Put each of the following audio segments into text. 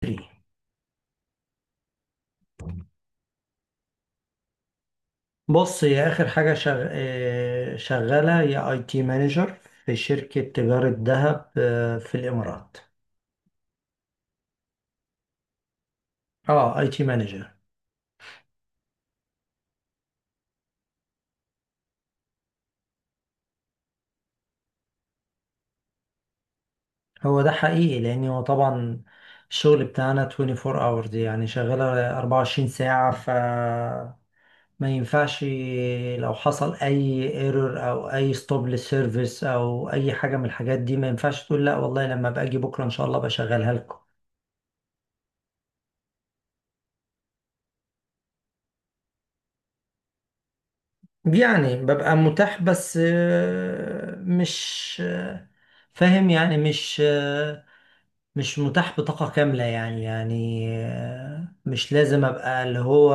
3 بص، هي اخر حاجه شغ... آه، شغاله، هي اي تي مانجر في شركه تجاره ذهب، في الامارات. اه، اي تي مانجر. هو ده حقيقي لان هو طبعا الشغل بتاعنا 24 hours، يعني شغاله 24 ساعه. ف ما ينفعش لو حصل اي ايرور او اي ستوب للسيرفيس او اي حاجه من الحاجات دي، ما ينفعش تقول لا والله، لما باجي بكره ان شاء الله بشغلها لكم. يعني ببقى متاح بس، آه، مش آه، فاهم، يعني مش متاح بطاقة كاملة، يعني مش لازم ابقى اللي هو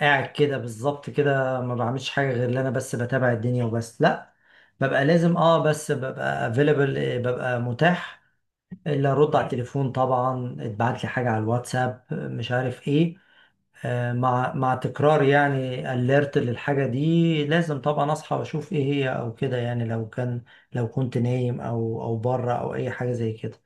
قاعد كده بالظبط، كده ما بعملش حاجة غير اللي انا بس بتابع الدنيا وبس. لا ببقى لازم، اه، بس ببقى available، ببقى متاح الا ارد على التليفون. طبعا اتبعت لي حاجة على الواتساب، مش عارف ايه، مع تكرار يعني اليرت للحاجة دي، لازم طبعا اصحى واشوف ايه هي، او كده يعني. لو كان، لو كنت نايم، او بره، او اي حاجة زي كده.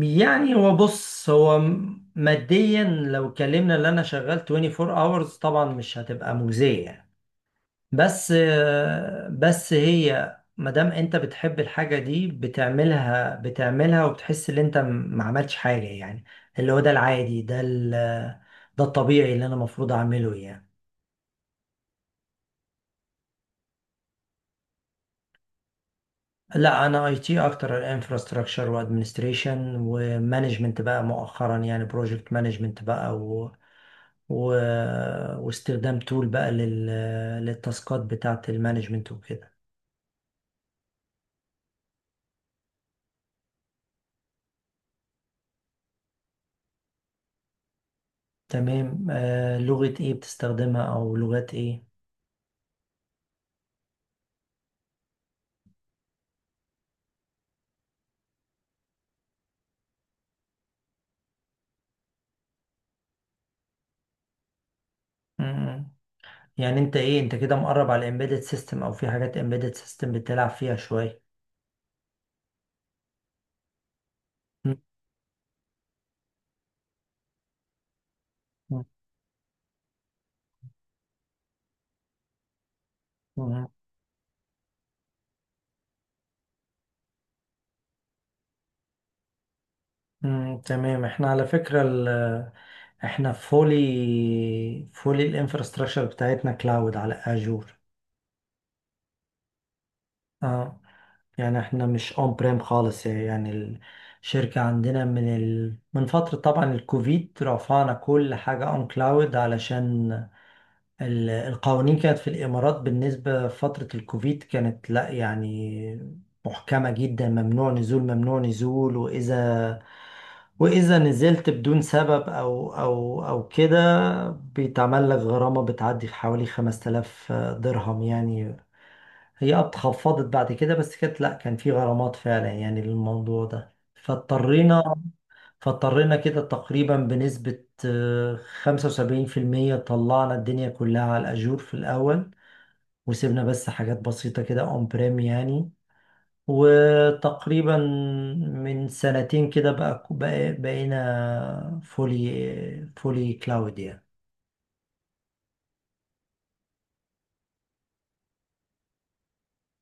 يعني هو بص، هو ماديا، لو اتكلمنا اللي انا شغال 24 hours طبعا مش هتبقى مجزية يعني. بس بس هي مادام انت بتحب الحاجة دي بتعملها بتعملها، وبتحس ان انت ما عملتش حاجة يعني، اللي هو ده العادي، ده ده الطبيعي اللي انا المفروض اعمله يعني. لا، انا اي تي اكتر، انفراستراكشر وادمنستريشن ومانجمنت بقى مؤخرا، يعني بروجكت مانجمنت بقى، و... واستخدام تول بقى للتاسكات بتاعة المانجمنت وكده. تمام، لغة ايه بتستخدمها، او لغات ايه؟ مم. يعني انت ايه، انت كده مقرب على الامبيدد سيستم، او في حاجات امبيدد سيستم بتلعب فيها شوية؟ مم. مم. مم. تمام، احنا على فكرة احنا فولي فولي الانفراستراكشر بتاعتنا كلاود على اجور. اه، يعني احنا مش اون بريم خالص يعني. الشركة عندنا من من فترة، طبعا الكوفيد رفعنا كل حاجة اون كلاود، علشان القوانين كانت في الإمارات بالنسبة فترة الكوفيد، كانت، لا يعني، محكمة جدا، ممنوع نزول ممنوع نزول، وإذا نزلت بدون سبب أو كده، بيتعمل لك غرامة بتعدي في حوالي 5000 درهم يعني. هي اتخفضت بعد كده، بس كانت، لا، كان في غرامات فعلا يعني للموضوع ده، فاضطرينا كده تقريبا بنسبة 75% طلعنا الدنيا كلها على الأجور في الأول، وسيبنا بس حاجات بسيطة كده أون بريم يعني. وتقريبا من سنتين كده بقى، بقينا فولي فولي كلاود يعني.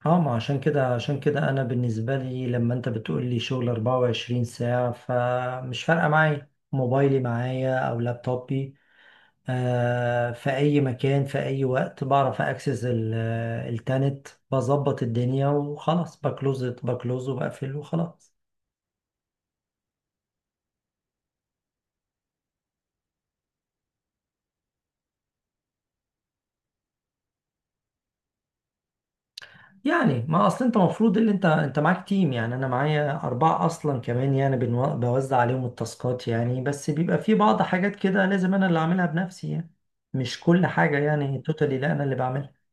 اه، ما عشان كده عشان كده انا، بالنسبة لي لما انت بتقول لي شغل 24 ساعة، فمش فارقة، معايا موبايلي معايا او لابتوبي، في اي مكان في اي وقت بعرف اكسس التانت بظبط الدنيا وخلاص، بكلوز وبقفل وخلاص. يعني ما اصل انت المفروض، اللي انت معاك تيم يعني، انا معايا 4 اصلا كمان يعني، بوزع عليهم التاسكات يعني، بس بيبقى في بعض حاجات كده لازم انا اللي اعملها بنفسي يعني، مش كل حاجة يعني توتالي، لا، انا اللي بعملها.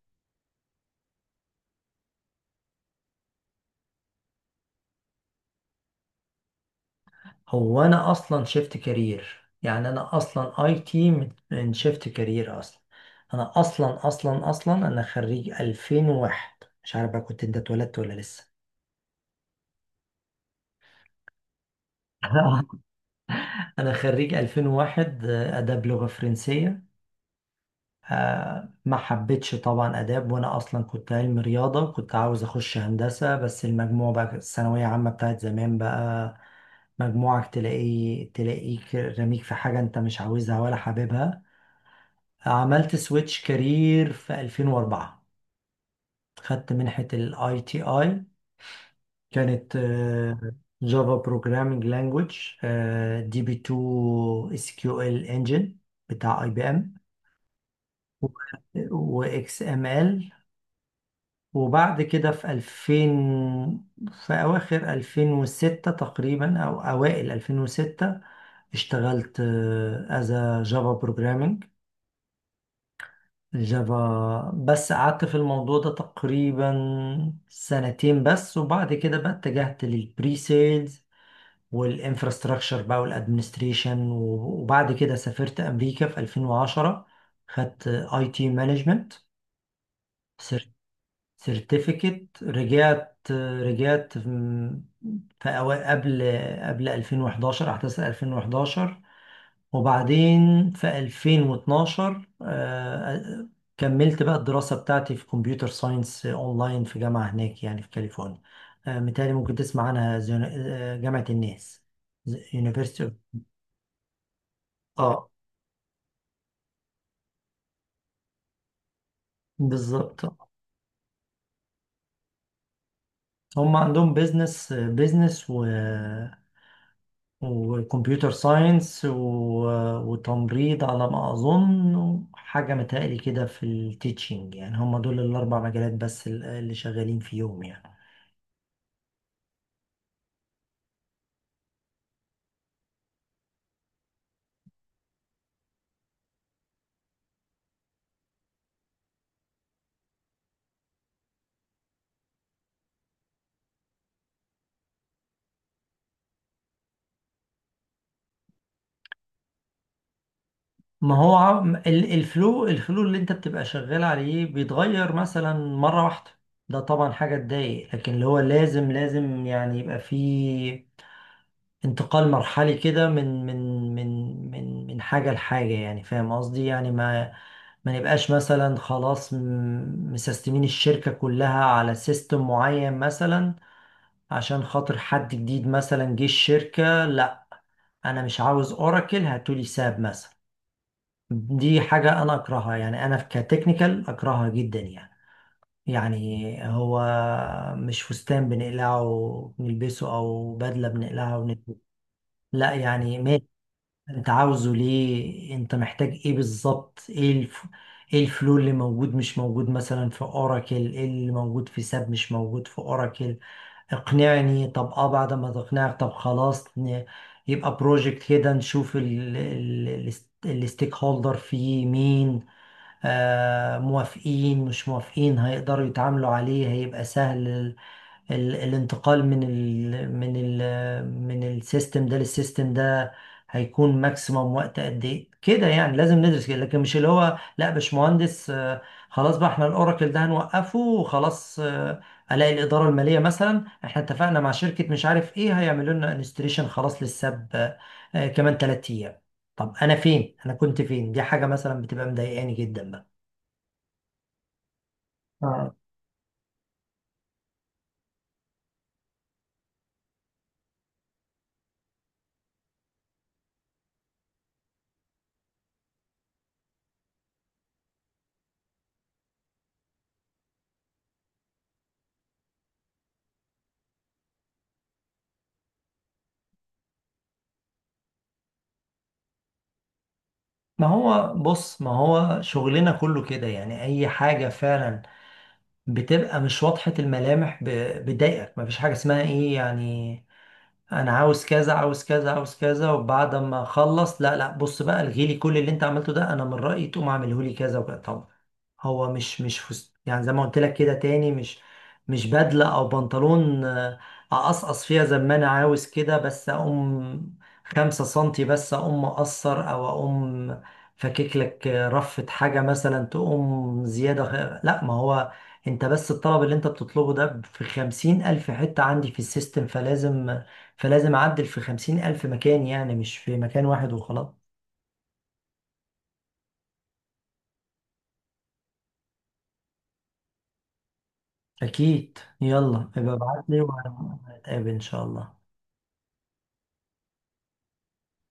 هو انا اصلا شفت كارير يعني، انا اصلا اي تي من شفت كارير اصلا. انا اصلا اصلا اصلا انا خريج 2001، مش عارف بقى كنت انت اتولدت ولا لسه. انا خريج 2001، اداب لغة فرنسية. ما حبيتش طبعا اداب، وانا اصلا كنت علم رياضة، كنت عاوز اخش هندسة، بس المجموع بقى، الثانوية عامة بتاعت زمان بقى، مجموعك تلاقي، رميك في حاجة انت مش عاوزها ولا حاببها. عملت سويتش كارير في 2004، خدت منحة الاي تي اي، كانت جافا بروجرامينج لانجويج، دي بي 2 اس كيو ال انجن بتاع اي بي ام، واكس ام ال. وبعد كده في 2000، في اواخر 2006 تقريبا او اوائل 2006 اشتغلت از جافا بروجرامينج جافا، بس قعدت في الموضوع ده تقريبا سنتين بس. وبعد كده بقى اتجهت للبري سيلز والانفراستراكشر بقى والادمنستريشن، وبعد كده سافرت امريكا في 2010، خدت اي تي مانجمنت سيرتيفيكت، رجعت في قبل 2011، احداث 2011. وبعدين في 2012 كملت بقى الدراسة بتاعتي في كمبيوتر ساينس اونلاين في جامعة هناك يعني، في كاليفورنيا. متهيألي ممكن تسمع عنها، جامعة الناس، University of. اه، بالظبط. هم عندهم بيزنس بيزنس و وكمبيوتر ساينس، وتمريض على ما أظن، وحاجة متهيألي كده في التيتشنج، يعني هم دول الأربع مجالات بس اللي شغالين فيهم يعني. ما هو الفلو اللي انت بتبقى شغال عليه بيتغير مثلا مرة واحدة، ده طبعا حاجة تضايق، لكن اللي هو لازم، يعني يبقى فيه انتقال مرحلي كده من حاجة لحاجة، يعني فاهم قصدي يعني، ما نبقاش مثلا خلاص، مسستمين الشركة كلها على سيستم معين مثلا عشان خاطر حد جديد مثلا جه الشركة، لا، انا مش عاوز اوراكل، هاتولي ساب مثلا. دي حاجة أنا أكرهها يعني، أنا كتكنيكال أكرهها جدا يعني. يعني هو مش فستان بنقلعه ونلبسه، أو بدلة بنقلعها ونلبسه، لا يعني ماشي. أنت عاوزه ليه؟ أنت محتاج إيه بالظبط؟ إيه إيه الفلو اللي موجود مش موجود مثلا في أوراكل؟ إيه اللي موجود في ساب مش موجود في أوراكل؟ اقنعني. طب اه، بعد ما تقنعك، طب خلاص، يبقى بروجكت كده، نشوف الستيك هولدر فيه مين، موافقين مش موافقين، هيقدروا يتعاملوا عليه، هيبقى سهل ال ال الانتقال من السيستم ده للسيستم ده، هيكون ماكسيموم وقت قد ايه كده يعني، لازم ندرس كده، لكن مش اللي هو: لا باشمهندس، خلاص بقى احنا الاوراكل ده هنوقفه وخلاص، الاقي الاداره الماليه مثلا احنا اتفقنا مع شركه مش عارف ايه، هيعملوا لنا انستليشن خلاص للساب، كمان 3 ايام، طب انا كنت فين؟ دي حاجه مثلا بتبقى مضايقاني جدا. آه. ما هو بص، ما هو شغلنا كله كده يعني، اي حاجة فعلا بتبقى مش واضحة الملامح بتضايقك، ما فيش حاجة اسمها ايه يعني، انا عاوز كذا عاوز كذا عاوز كذا، وبعد ما اخلص، لا لا، بص بقى، الغي لي كل اللي انت عملته ده، انا من رأيي تقوم اعمله لي كذا وكذا. طبعا هو مش يعني زي ما قلت لك كده تاني، مش، مش بدلة او بنطلون، اقصقص فيها زي ما انا عاوز كده، بس اقوم خمسة سنتي بس، اقوم مقصر، او اقوم فكك لك، رفة حاجة مثلا تقوم زيادة، لا، ما هو انت بس الطلب اللي انت بتطلبه ده في 50 الف حتة عندي في السيستم، فلازم اعدل في 50 الف مكان، يعني مش في مكان واحد وخلاص. اكيد، يلا يبقى ابعت لي وهنتقابل ان شاء الله.